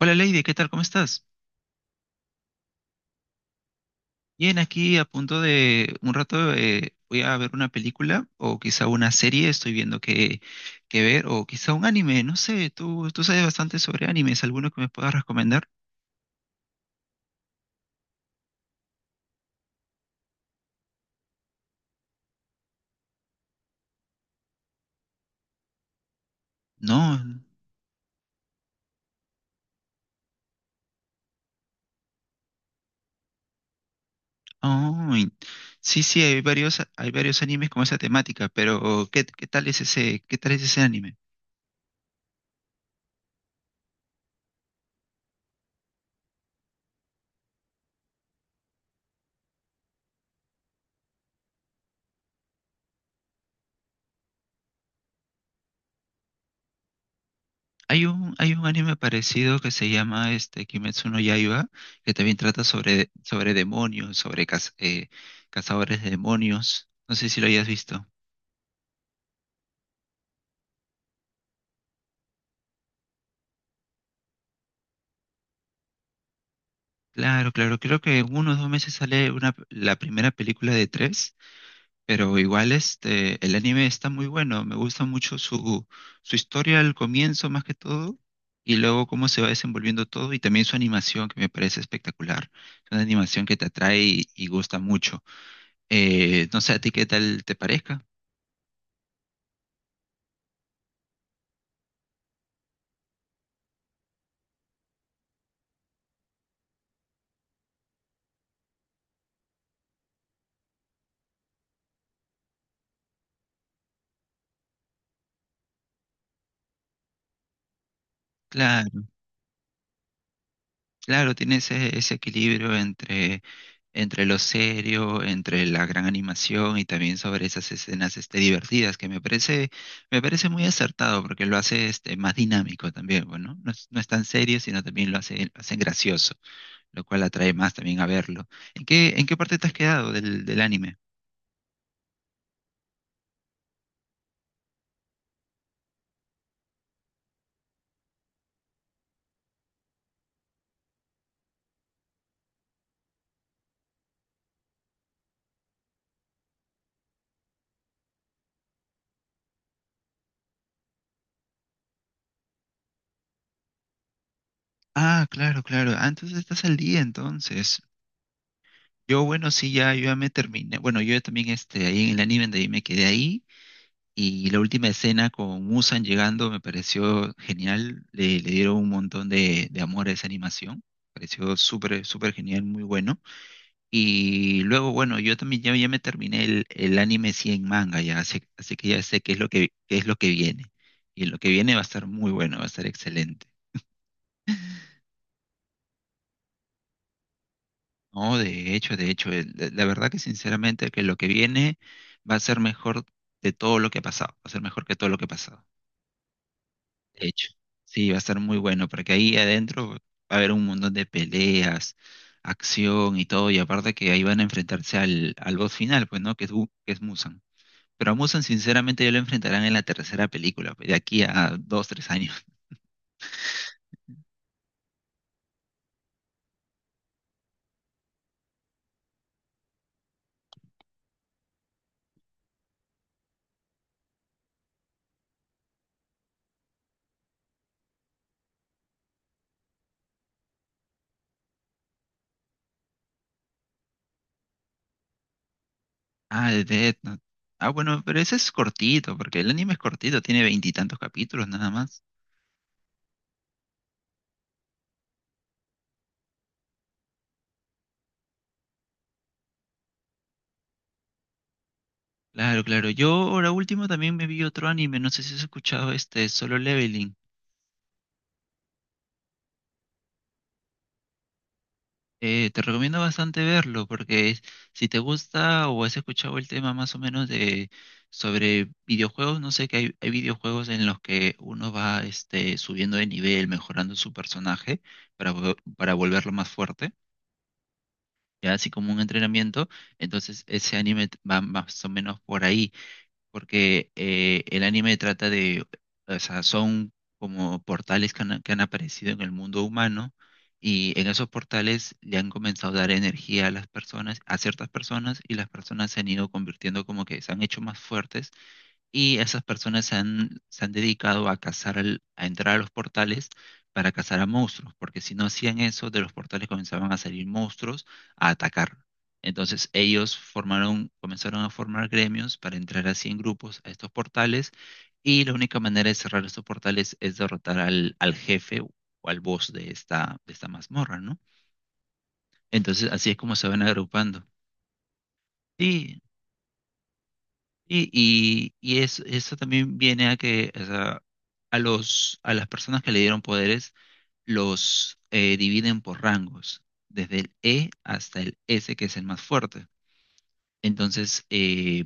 Hola Lady, ¿qué tal? ¿Cómo estás? Bien, aquí a punto de un rato voy a ver una película o quizá una serie, estoy viendo qué ver, o quizá un anime, no sé, tú sabes bastante sobre animes, ¿alguno que me puedas recomendar? No, ay, sí, sí, hay varios animes con esa temática, pero ¿qué tal es ese, qué tal es ese anime? Hay un anime parecido que se llama Kimetsu no Yaiba, que también trata sobre demonios, sobre cazadores de demonios. No sé si lo hayas visto. Claro, claro, creo que en unos 2 meses sale una, la primera película de tres, pero igual el anime está muy bueno, me gusta mucho su historia al comienzo más que todo, y luego cómo se va desenvolviendo todo, y también su animación que me parece espectacular. Es una animación que te atrae y gusta mucho. No sé a ti qué tal te parezca. Claro, claro, tiene ese equilibrio entre lo serio, entre la gran animación y también sobre esas escenas divertidas, me parece muy acertado porque lo hace más dinámico también, bueno, No es, no es tan serio, sino también lo hacen gracioso, lo cual atrae más también a verlo. ¿En qué parte te has quedado del anime? Ah, claro, claro. Ah, entonces estás al día entonces. Yo, bueno, sí, ya, yo ya me terminé. Bueno, yo también, ahí en el anime de ahí me quedé ahí. Y la última escena con Musan llegando me pareció genial. Le dieron un montón de amor a esa animación. Pareció súper, súper genial, muy bueno. Y luego, bueno, yo también ya, ya me terminé el anime sí en manga ya. Así, así que ya sé qué es qué es lo que viene. Y lo que viene va a estar muy bueno, va a estar excelente. No, de hecho, la verdad que sinceramente que lo que viene va a ser mejor de todo lo que ha pasado, va a ser mejor que todo lo que ha pasado, de hecho. Sí, va a ser muy bueno, porque ahí adentro va a haber un montón de peleas, acción y todo, y aparte que ahí van a enfrentarse al boss final, pues, ¿no? Que es, que es Musan. Pero a Musan, sinceramente, ya lo enfrentarán en la tercera película, pues, de aquí a dos, 3 años. Ah, de Death Note. Ah, bueno, pero ese es cortito, porque el anime es cortito, tiene 20 y tantos capítulos nada más. Claro, claro. Yo ahora último también me vi otro anime, no sé si has escuchado Solo Leveling. Te recomiendo bastante verlo si te gusta o has escuchado el tema más o menos de sobre videojuegos, no sé que hay videojuegos en los que uno va subiendo de nivel, mejorando su personaje para volverlo más fuerte, ya así como un entrenamiento. Entonces ese anime va más o menos por ahí porque el anime trata de, o sea, son como portales que han aparecido en el mundo humano y en esos portales le han comenzado a dar energía a las personas, a ciertas personas y las personas se han ido convirtiendo como que se han hecho más fuertes y esas personas se han dedicado a cazar, a entrar a los portales para cazar a monstruos, porque si no hacían eso, de los portales comenzaban a salir monstruos a atacar. Entonces ellos formaron, comenzaron a formar gremios para entrar así en grupos a estos portales y la única manera de cerrar estos portales es derrotar al jefe o al boss de esta mazmorra, ¿no? Entonces así es como se van agrupando. Sí, eso también viene a que o sea, a las personas que le dieron poderes los dividen por rangos, desde el E hasta el S, que es el más fuerte. Entonces,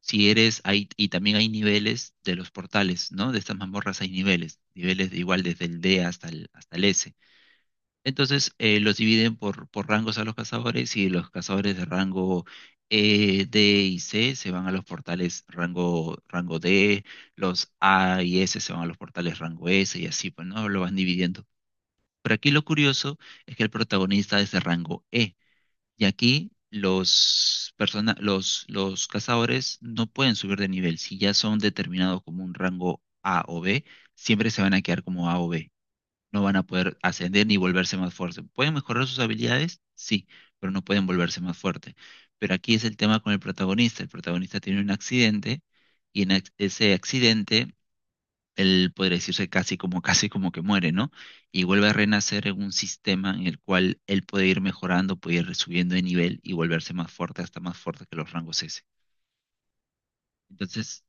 si eres, hay, y también hay niveles de los portales, ¿no? De estas mazmorras hay niveles, niveles de igual desde el D hasta el S. Entonces los dividen por rangos a los cazadores y los cazadores de rango D y C se van a los portales rango D, los A y S se van a los portales rango S y así, pues no lo van dividiendo. Pero aquí lo curioso es que el protagonista es de rango E y aquí los cazadores no pueden subir de nivel. Si ya son determinados como un rango A o B, siempre se van a quedar como A o B, no van a poder ascender ni volverse más fuertes. Pueden mejorar sus habilidades, sí, pero no pueden volverse más fuertes. Pero aquí es el tema con el protagonista. El protagonista tiene un accidente y ese accidente él podría decirse casi como casi como que muere, ¿no? Y vuelve a renacer en un sistema en el cual él puede ir mejorando, puede ir subiendo de nivel y volverse más fuerte, hasta más fuerte que los rangos S. Entonces,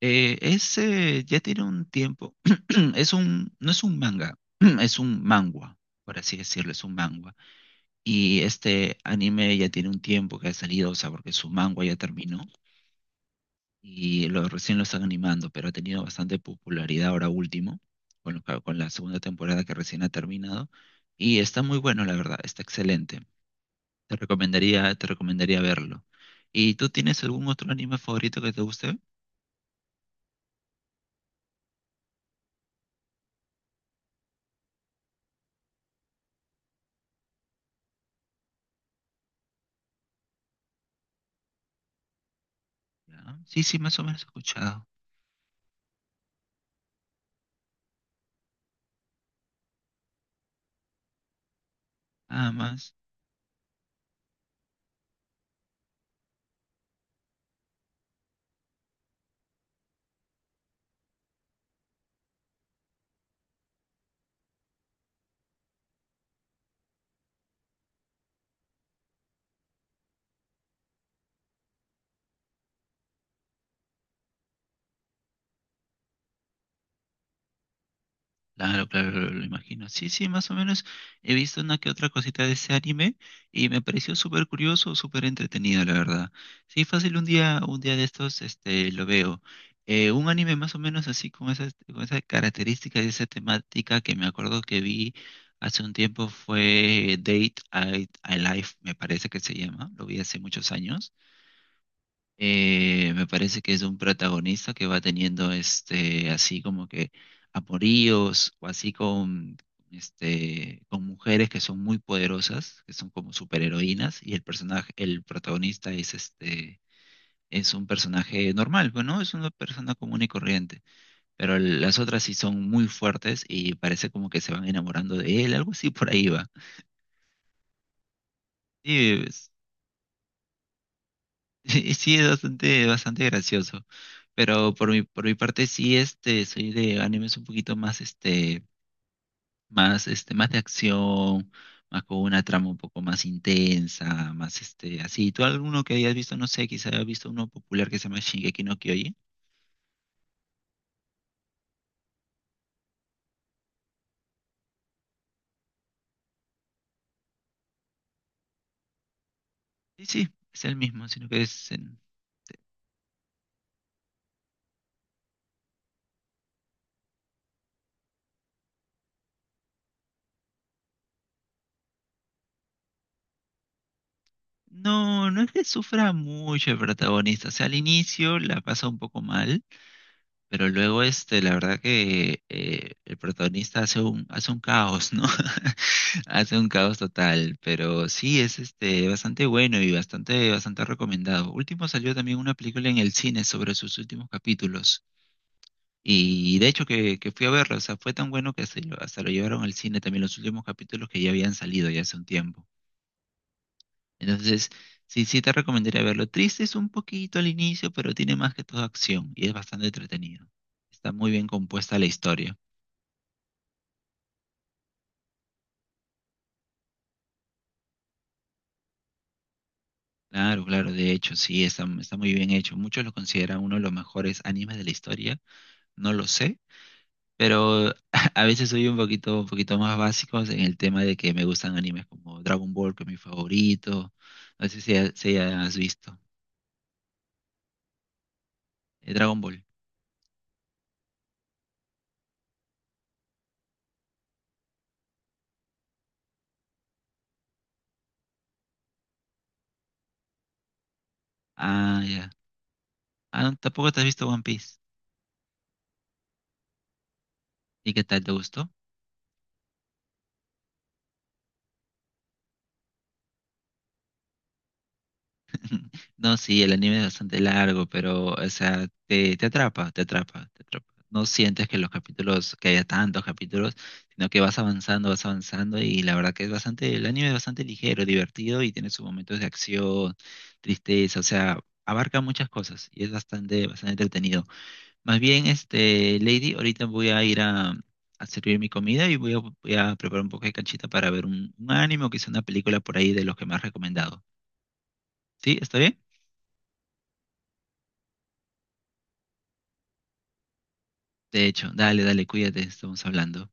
Ese ya tiene un tiempo. No es un manga, es un mangua, por así decirlo, es un mangua. Y este anime ya tiene un tiempo que ha salido, o sea, porque su mangua ya terminó y recién lo están animando, pero ha tenido bastante popularidad ahora último, con la segunda temporada que recién ha terminado. Y está muy bueno, la verdad, está excelente. Te recomendaría verlo. ¿Y tú tienes algún otro anime favorito que te guste? Ya. Sí, sí, más o menos he escuchado. Nada más. Claro, claro, claro, lo imagino. Sí, sí, más o menos he visto una que otra cosita de ese anime y me pareció súper curioso, súper entretenido, la verdad. Sí, fácil un día de estos, lo veo. Un anime más o menos así con con esa característica y esa temática que me acuerdo que vi hace un tiempo fue Date I, I Life, me parece que se llama. Lo vi hace muchos años. Me parece que es un protagonista que va teniendo así como que amoríos o así con con mujeres que son muy poderosas, que son como superheroínas y el protagonista es un personaje normal, pues, ¿no? Es una persona común y corriente, pero las otras sí son muy fuertes y parece como que se van enamorando de él, algo así por ahí va. Sí, sí, sí, es bastante, bastante gracioso. Pero por mi parte sí, soy de animes un poquito más, más, más de acción, más con una trama un poco más intensa, más, así. ¿Tú alguno que hayas visto? No sé, quizá hayas visto uno popular que se llama Shingeki no Kyojin. Sí, sí, es el mismo, sino que es... en- No, no es que sufra mucho el protagonista. O sea, al inicio la pasa un poco mal. Pero luego, la verdad que el protagonista hace un caos, ¿no? Hace un caos total. Pero sí, es bastante bueno y bastante, bastante recomendado. Último salió también una película en el cine sobre sus últimos capítulos. Y de hecho que fui a verla, o sea, fue tan bueno que hasta lo llevaron al cine también los últimos capítulos que ya habían salido ya hace un tiempo. Entonces, sí, sí te recomendaría verlo. Triste es un poquito al inicio, pero tiene más que todo acción y es bastante entretenido. Está muy bien compuesta la historia. Claro, claro, de hecho, sí, está muy bien hecho. Muchos lo consideran uno de los mejores animes de la historia, no lo sé, pero a veces soy un poquito más básicos en el tema de que me gustan animes como Dragon Ball, que es mi favorito. No sé si has visto. Dragon Ball. Ah, ya. Ah, no, tampoco te has visto One Piece. ¿Y qué tal? ¿Te gustó? No, sí, el anime es bastante largo, pero, o sea, te atrapa, te atrapa, te atrapa. No sientes que los capítulos, que haya tantos capítulos, sino que vas avanzando y la verdad que es bastante, el anime es bastante ligero, divertido y tiene sus momentos de acción, tristeza, o sea, abarca muchas cosas y es bastante, bastante entretenido. Más bien, Lady, ahorita voy a ir a servir mi comida y voy a, voy a preparar un poco de canchita para ver un anime o quizá una película por ahí de los que me has recomendado. ¿Sí? ¿Está bien? De hecho, dale, dale, cuídate, estamos hablando.